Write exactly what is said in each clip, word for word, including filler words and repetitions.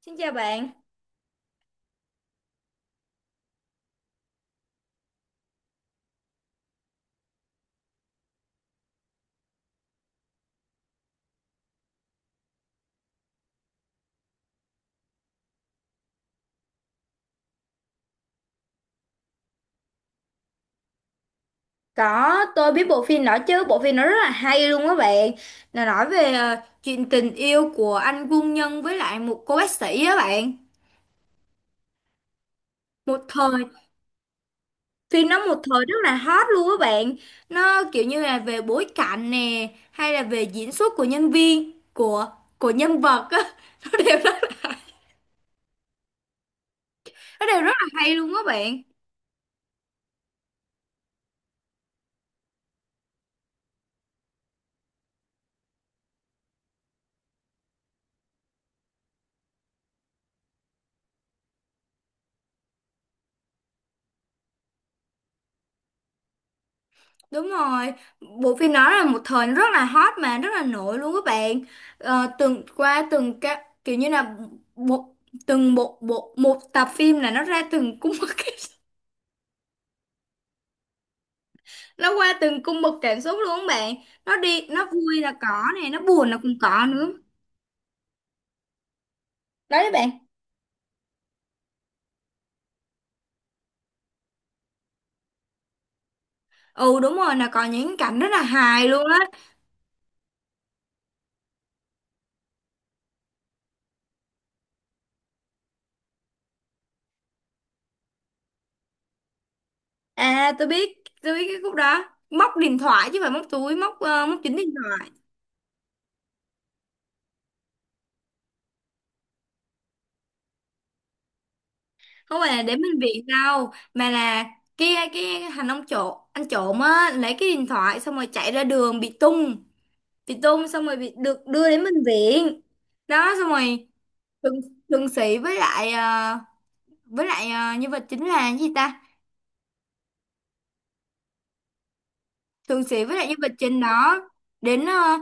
Xin chào bạn. Có, tôi biết bộ phim đó chứ, bộ phim nó rất là hay luôn á bạn. Nó nói về ờ, chuyện tình yêu của anh quân nhân với lại một cô bác sĩ á bạn. Một thời, Phim nó một thời rất là hot luôn á bạn. Nó kiểu như là về bối cảnh nè, hay là về diễn xuất của nhân viên, của của nhân vật á, nó đều rất, nó đều rất là hay luôn á bạn. Đúng rồi, bộ phim đó là một thời rất là hot mà rất là nổi luôn các bạn. Ờ, từng qua từng các kiểu như là bộ từng bộ bộ một tập phim là nó ra từng cung bậc nó qua từng cung bậc cảm xúc luôn các bạn. Nó đi nó vui là có này, nó buồn là cũng có nữa. Đấy các bạn. Ừ, đúng rồi, là có những cảnh rất là hài luôn á. À, tôi biết, tôi biết cái khúc đó. Móc điện thoại chứ không phải móc túi, móc ờ, móc chính điện thoại. Không phải là đến bệnh viện đâu mà là cái cái thằng ông trộm anh trộm á lấy cái điện thoại xong rồi chạy ra đường bị tung bị tung xong rồi bị được đưa đến bệnh viện đó. Xong rồi thượng, thượng sĩ với lại ờ, với lại ờ, nhân vật chính là cái gì ta, thượng sĩ với lại nhân vật chính đó đến ờ,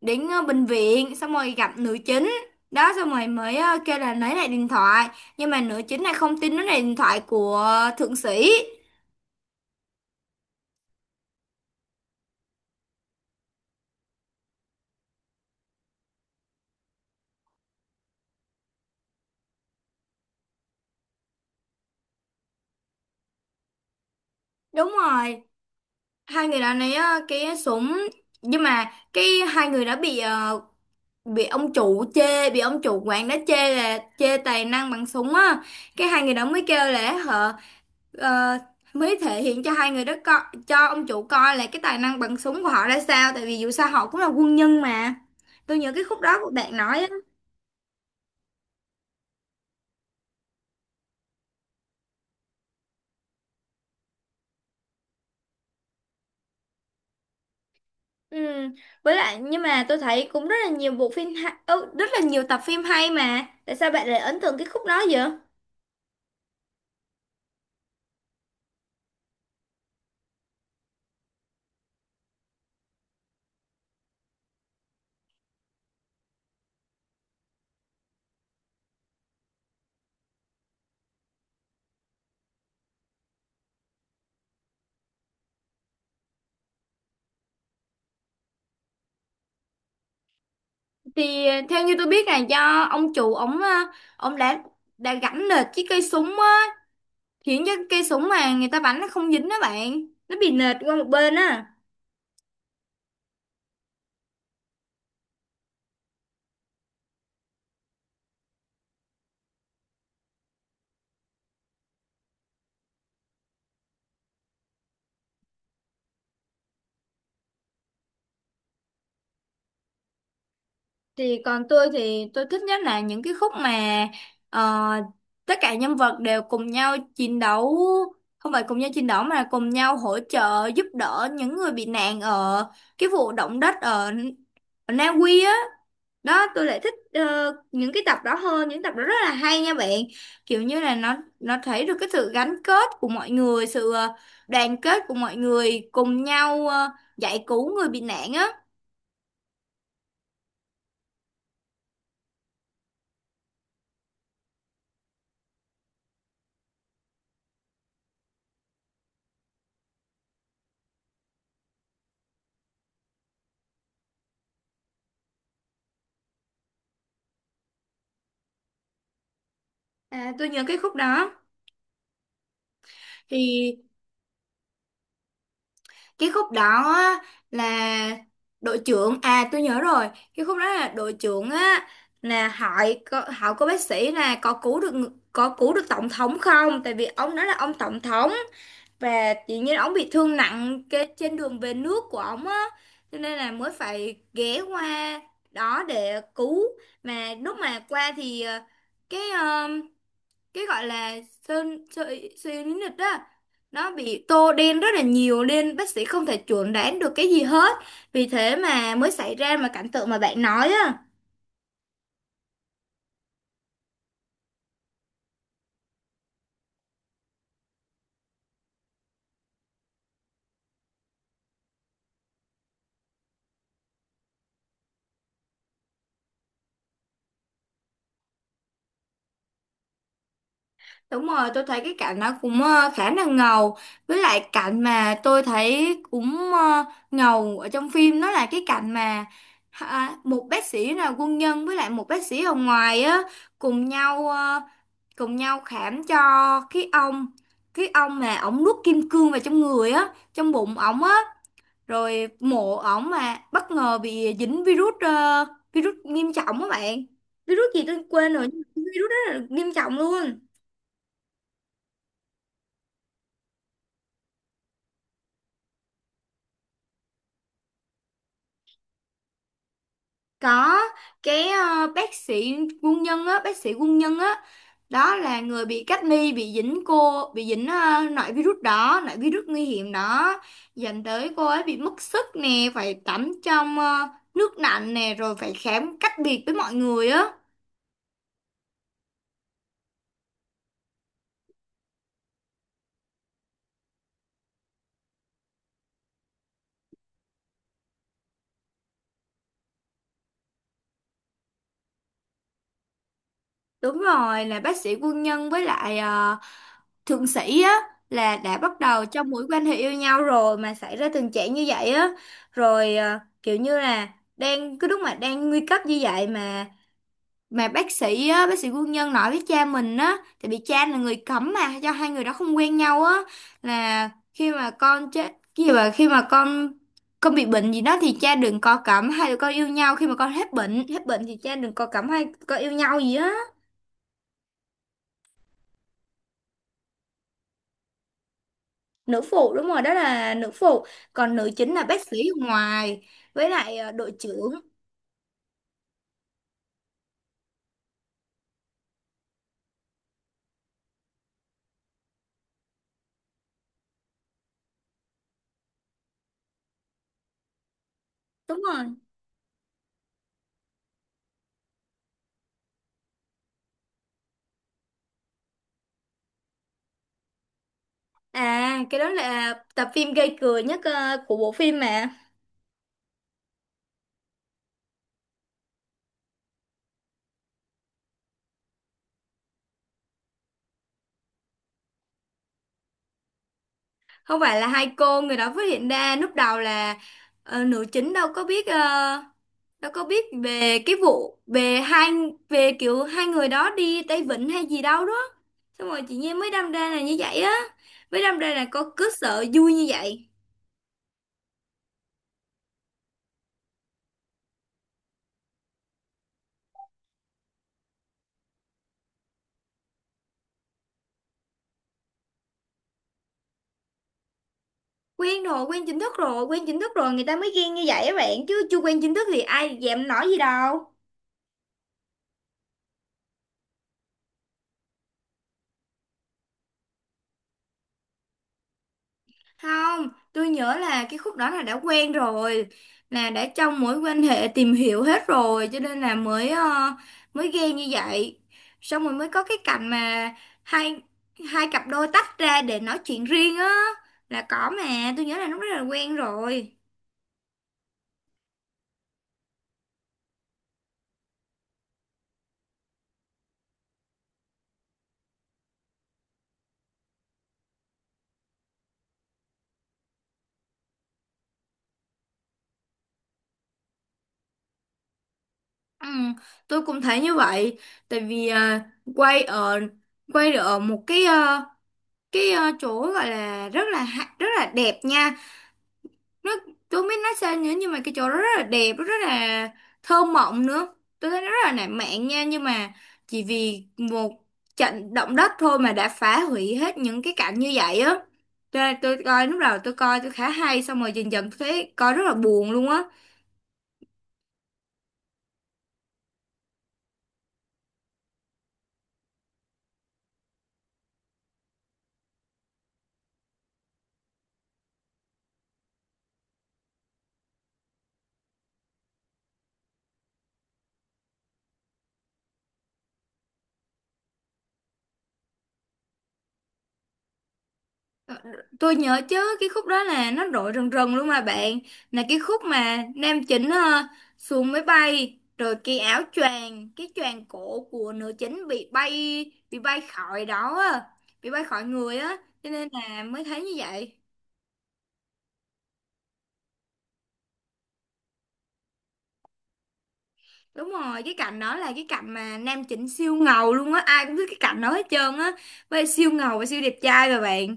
đến ờ, bệnh viện xong rồi gặp nữ chính. Đó xong rồi mới ờ, kêu là lấy lại điện thoại, nhưng mà nữ chính này không tin nó là điện thoại của thượng sĩ. Đúng rồi, hai người đã lấy ờ, cái súng, nhưng mà cái hai người đã bị ờ, bị ông chủ chê, bị ông chủ quán đã chê là chê tài năng bằng súng á. Cái hai người đó mới kêu là họ, ờ, mới thể hiện cho hai người đó co cho ông chủ coi là cái tài năng bằng súng của họ ra sao, tại vì dù sao họ cũng là quân nhân mà. Tôi nhớ cái khúc đó của bạn nói á. Ừ. Với lại nhưng mà tôi thấy cũng rất là nhiều bộ phim hay, ừ, rất là nhiều tập phim hay, mà tại sao bạn lại ấn tượng cái khúc đó vậy? Thì ờ, theo như tôi biết là do ông chủ ổng ờ, ổng đã đã gắn nệt chiếc cây súng á, khiến cho cây súng mà người ta bắn nó không dính đó bạn, nó bị nệt qua một bên á. Thì còn tôi thì tôi thích nhất là những cái khúc mà ờ, tất cả nhân vật đều cùng nhau chiến đấu, không phải cùng nhau chiến đấu mà là cùng nhau hỗ trợ giúp đỡ những người bị nạn ở cái vụ động đất ở, ở Na Uy á. Đó, tôi lại thích ờ, những cái tập đó hơn, những tập đó rất là hay nha bạn. Kiểu như là nó nó thấy được cái sự gắn kết của mọi người, sự ờ, đoàn kết của mọi người cùng nhau ờ, giải cứu người bị nạn á. À, tôi nhớ cái khúc đó. Thì cái khúc đó á, là đội trưởng, à tôi nhớ rồi, cái khúc đó là đội trưởng á, là hỏi có, hỏi cô bác sĩ là có cứu được ng- có cứu được tổng thống không, tại vì ông đó là ông tổng thống và tự nhiên ông bị thương nặng cái trên đường về nước của ông á, cho nên là mới phải ghé qua đó để cứu. Mà lúc mà qua thì ờ, cái cái gọi là sơn sợi cyanide đó nó bị tô đen rất là nhiều, nên bác sĩ không thể chuẩn đoán được cái gì hết, vì thế mà mới xảy ra mà cảnh tượng mà bạn nói á. Đúng rồi, tôi thấy cái cảnh nó cũng ờ, khá là ngầu. Với lại cảnh mà tôi thấy cũng ờ, ngầu ở trong phim đó là cái cảnh mà, à, một bác sĩ là quân nhân với lại một bác sĩ ở ngoài á cùng nhau ờ, cùng nhau khám cho cái ông cái ông mà ổng nuốt kim cương vào trong người á, trong bụng ổng á, rồi mổ ổng mà bất ngờ bị dính virus ờ, virus nghiêm trọng á bạn. Virus gì tôi quên rồi, nhưng mà virus đó là nghiêm trọng luôn. Có cái ờ, bác sĩ quân nhân á, bác sĩ quân nhân á, đó là người bị cách ly, bị dính cô, bị dính uh, loại virus đó, loại virus nguy hiểm đó, dẫn tới cô ấy bị mất sức nè, phải tắm trong ờ, nước lạnh nè, rồi phải khám cách biệt với mọi người á. Đúng rồi, là bác sĩ quân nhân với lại ờ, thượng sĩ á là đã bắt đầu trong mối quan hệ yêu nhau rồi mà xảy ra tình trạng như vậy á, rồi ờ, kiểu như là đang cái lúc mà đang nguy cấp như vậy mà mà bác sĩ á, bác sĩ quân nhân nói với cha mình á, tại vì cha là người cấm mà cho hai người đó không quen nhau á, là khi mà con chết cái gì, mà khi mà con con bị bệnh gì đó thì cha đừng có cấm hai đứa con yêu nhau, khi mà con hết bệnh hết bệnh thì cha đừng có cấm hai con yêu nhau gì á. Nữ phụ, đúng rồi, đó là nữ phụ, còn nữ chính là bác sĩ ở ngoài với lại ờ, đội trưởng. Đúng rồi. À, cái đó là tập phim gây cười nhất ờ, của bộ phim mà. Không phải là hai cô người đó phát hiện ra, lúc đầu là ờ, nữ chính đâu có biết, ờ, đâu có biết về cái vụ về hai, về kiểu hai người đó đi Tây Vịnh hay gì đâu đó, xong rồi chị Nhi mới đâm ra là như vậy á, mới đâm ra là có cứ sợ vui như vậy. Quen rồi, quen chính thức rồi, quen chính thức rồi người ta mới ghen như vậy á bạn, chứ chưa quen chính thức thì ai dèm nói gì đâu. Không, tôi nhớ là cái khúc đó là đã quen rồi, là đã trong mối quan hệ tìm hiểu hết rồi, cho nên là mới ờ, mới ghen như vậy. Xong rồi mới có cái cảnh mà hai hai cặp đôi tách ra để nói chuyện riêng á, là có mà, tôi nhớ là lúc đó là quen rồi. Ừ, tôi cũng thấy như vậy, tại vì ờ, quay ở quay ở một cái ờ, cái ờ, chỗ gọi là rất là ha- rất là đẹp nha. nó tôi không biết nói sao nữa, nhưng mà cái chỗ đó rất là đẹp, rất là thơ mộng nữa, tôi thấy nó rất là lãng mạn nha, nhưng mà chỉ vì một trận động đất thôi mà đã phá hủy hết những cái cảnh như vậy á, cho nên tôi coi lúc đầu tôi coi tôi khá hay, xong rồi dần dần tôi thấy coi rất là buồn luôn á. Ờ, Tôi nhớ chứ, cái khúc đó là nó rội rần rần luôn mà bạn. Là cái khúc mà nam chính ờ, xuống máy bay, rồi cái áo choàng, cái choàng cổ của nữ chính bị bay, bị bay khỏi đó á, bị bay khỏi người á, cho nên là mới thấy như vậy. Đúng rồi, cái cảnh đó là cái cảnh mà nam chính siêu ngầu luôn á, ai cũng biết cái cảnh đó hết trơn á, với siêu ngầu và siêu đẹp trai mà bạn.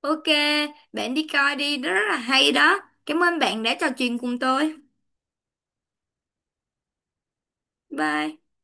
Ok, bạn đi coi đi, đó rất là hay đó. Cảm ơn bạn đã trò chuyện cùng tôi. Bye.